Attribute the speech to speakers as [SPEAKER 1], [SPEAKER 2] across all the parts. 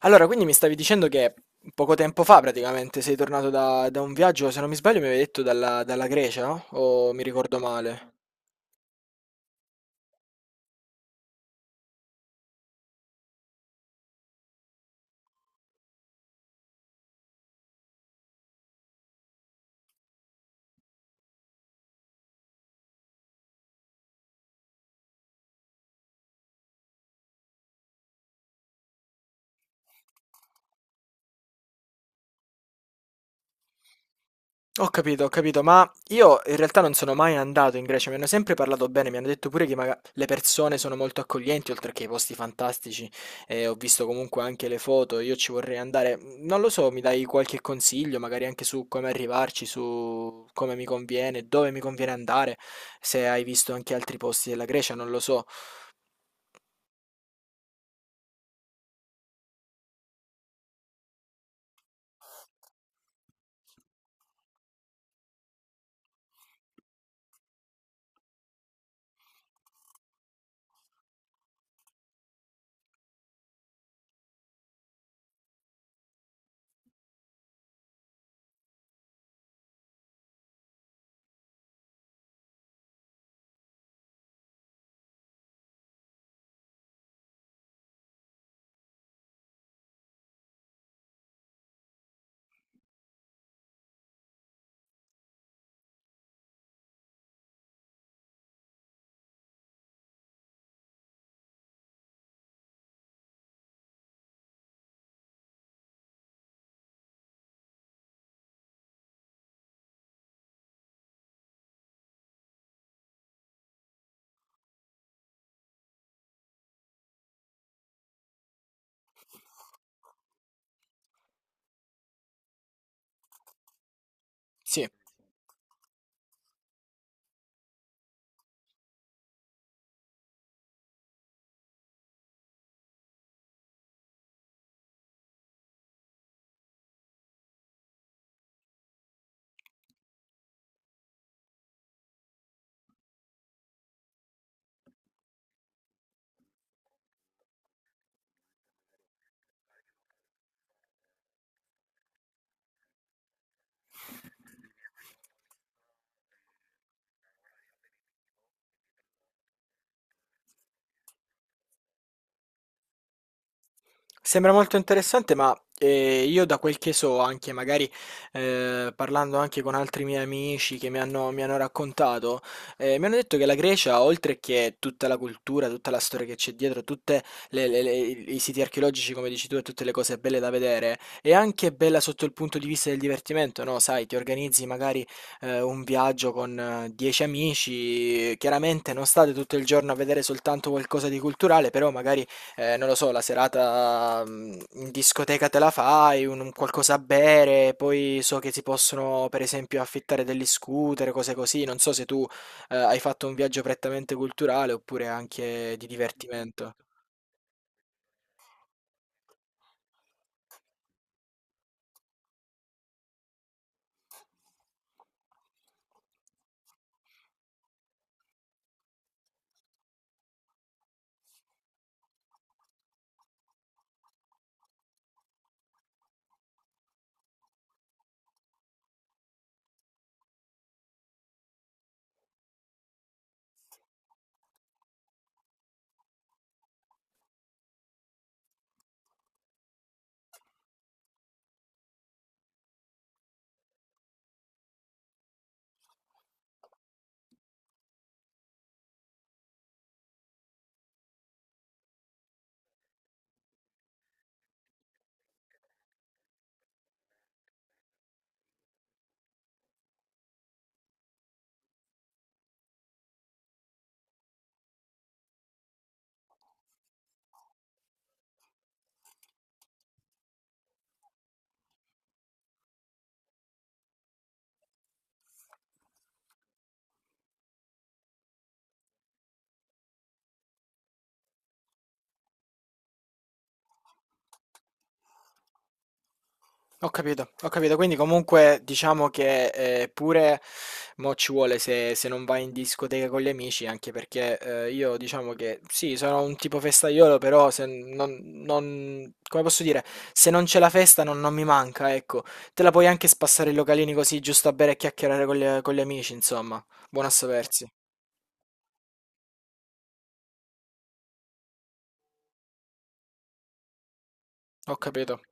[SPEAKER 1] Allora, quindi mi stavi dicendo che poco tempo fa praticamente sei tornato da un viaggio, se non mi sbaglio mi avevi detto dalla Grecia, no? O mi ricordo male? Ho capito, ma io in realtà non sono mai andato in Grecia, mi hanno sempre parlato bene, mi hanno detto pure che le persone sono molto accoglienti, oltre che i posti fantastici, e ho visto comunque anche le foto, io ci vorrei andare. Non lo so, mi dai qualche consiglio, magari anche su come arrivarci, su come mi conviene, dove mi conviene andare, se hai visto anche altri posti della Grecia, non lo so. Sì. Sembra molto interessante, ma io da quel che so, anche magari parlando anche con altri miei amici che mi hanno raccontato, mi hanno detto che la Grecia, oltre che tutta la cultura, tutta la storia che c'è dietro, tutti i siti archeologici, come dici tu, e tutte le cose belle da vedere, è anche bella sotto il punto di vista del divertimento, no? Sai, ti organizzi magari un viaggio con 10 amici, chiaramente non state tutto il giorno a vedere soltanto qualcosa di culturale, però magari non lo so, la serata in discoteca te la fai, un qualcosa a bere, poi so che si possono per esempio affittare degli scooter, cose così. Non so se tu hai fatto un viaggio prettamente culturale oppure anche di divertimento. Ho capito, ho capito. Quindi comunque diciamo che pure mo ci vuole se non vai in discoteca con gli amici, anche perché io diciamo che sì, sono un tipo festaiolo, però se non, non- come posso dire, se non c'è la festa non mi manca, ecco. Te la puoi anche spassare i localini così, giusto a bere e chiacchierare con gli amici, insomma. Buono a sapersi. Ho capito,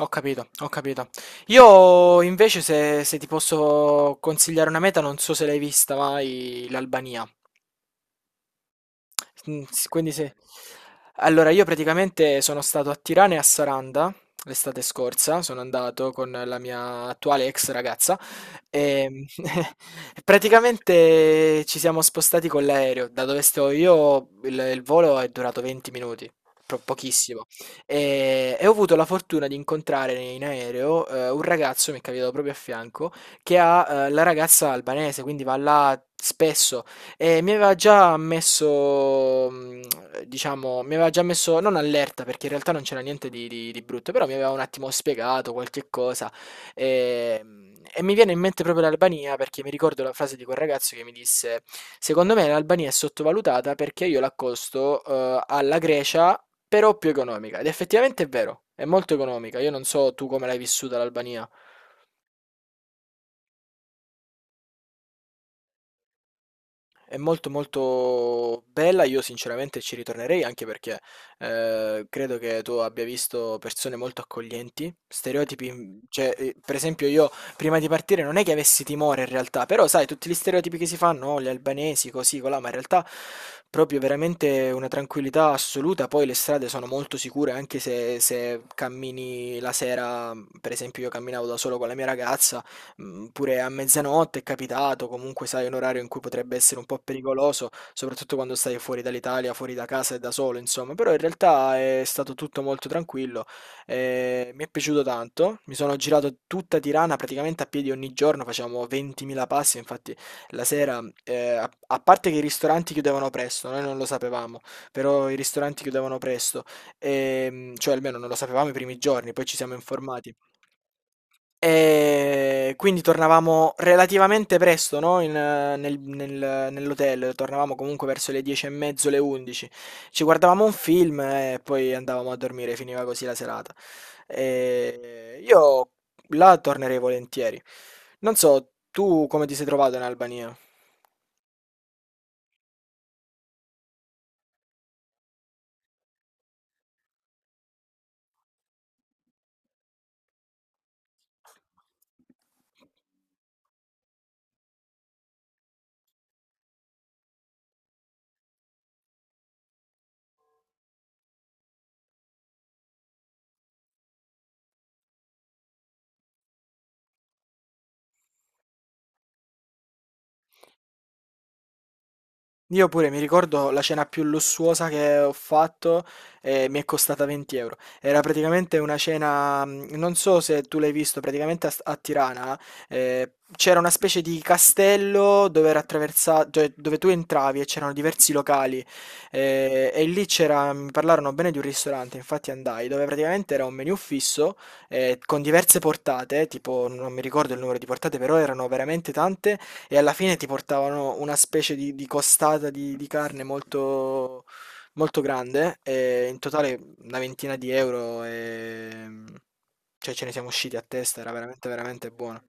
[SPEAKER 1] ho capito, ho capito. Io invece se ti posso consigliare una meta, non so se l'hai vista mai, l'Albania. Mhmm. S quindi se Allora io praticamente sono stato a Tirana e a Saranda l'estate scorsa, sono andato con la mia attuale ex ragazza, e praticamente ci siamo spostati con l'aereo. Da dove sto io il volo è durato 20 minuti, pro pochissimo, e ho avuto la fortuna di incontrare in aereo, un ragazzo, mi è capitato proprio a fianco, che ha, la ragazza albanese, quindi va là spesso e mi aveva già messo, diciamo, mi aveva già messo, non allerta perché in realtà non c'era niente di brutto, però mi aveva un attimo spiegato qualche cosa e, e mi viene in mente proprio l'Albania perché mi ricordo la frase di quel ragazzo che mi disse, secondo me l'Albania è sottovalutata perché io l'accosto, alla Grecia, però più economica ed effettivamente è vero, è molto economica, io non so tu come l'hai vissuta l'Albania. È molto molto bella, io sinceramente ci ritornerei anche perché credo che tu abbia visto persone molto accoglienti, stereotipi, cioè per esempio io prima di partire non è che avessi timore in realtà, però sai tutti gli stereotipi che si fanno, oh, gli albanesi così, colà, ma in realtà proprio veramente una tranquillità assoluta, poi le strade sono molto sicure anche se cammini la sera, per esempio io camminavo da solo con la mia ragazza, mhmm, pure a mezzanotte è capitato, comunque sai un orario in cui potrebbe essere un po' pericoloso, soprattutto quando stai fuori dall'Italia, fuori da casa e da solo insomma, però in realtà è stato tutto molto tranquillo, mi è piaciuto tanto. Mi sono girato tutta Tirana praticamente a piedi ogni giorno, facevamo 20.000 passi, infatti la sera, a parte che i ristoranti chiudevano presto, noi non lo sapevamo, però i ristoranti chiudevano presto, cioè almeno non lo sapevamo i primi giorni, poi ci siamo informati. E quindi tornavamo relativamente presto, no, nell'hotel, tornavamo comunque verso le 10 e mezzo, le 11. Ci guardavamo un film e poi andavamo a dormire, finiva così la serata. E io là tornerei volentieri. Non so, tu come ti sei trovato in Albania? Io pure mi ricordo la cena più lussuosa che ho fatto e mi è costata 20 euro. Era praticamente una cena, non so se tu l'hai visto, praticamente a Tirana c'era una specie di castello dove era attraversato, cioè, dove tu entravi e c'erano diversi locali e lì c'era, mi parlarono bene di un ristorante, infatti andai, dove praticamente era un menù fisso con diverse portate, tipo non mi ricordo il numero di portate, però erano veramente tante e alla fine ti portavano una specie di costata di carne molto, molto grande, e in totale una ventina di euro, cioè ce ne siamo usciti a testa, era veramente veramente buono.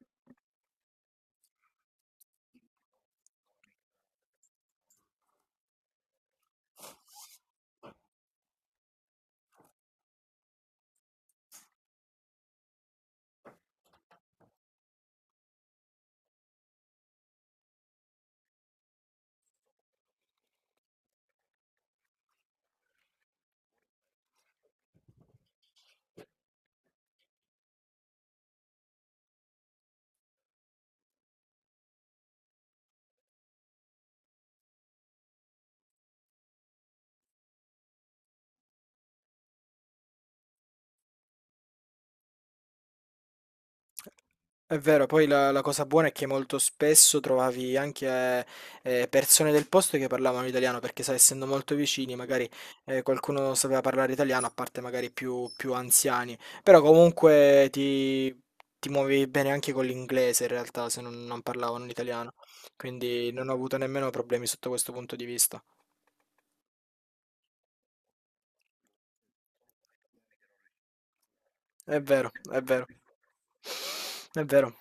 [SPEAKER 1] È vero, poi la cosa buona è che molto spesso trovavi anche persone del posto che parlavano italiano, perché sai, essendo molto vicini, magari qualcuno sapeva parlare italiano, a parte magari più anziani, però comunque ti muovevi bene anche con l'inglese in realtà, se non parlavano l'italiano, quindi non ho avuto nemmeno problemi sotto questo punto di vista. È vero, è vero. È vero.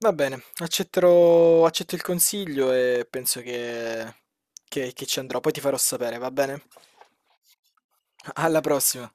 [SPEAKER 1] Va bene, accetterò, accetto il consiglio e penso che, che ci andrò. Poi ti farò sapere, va bene? Alla prossima.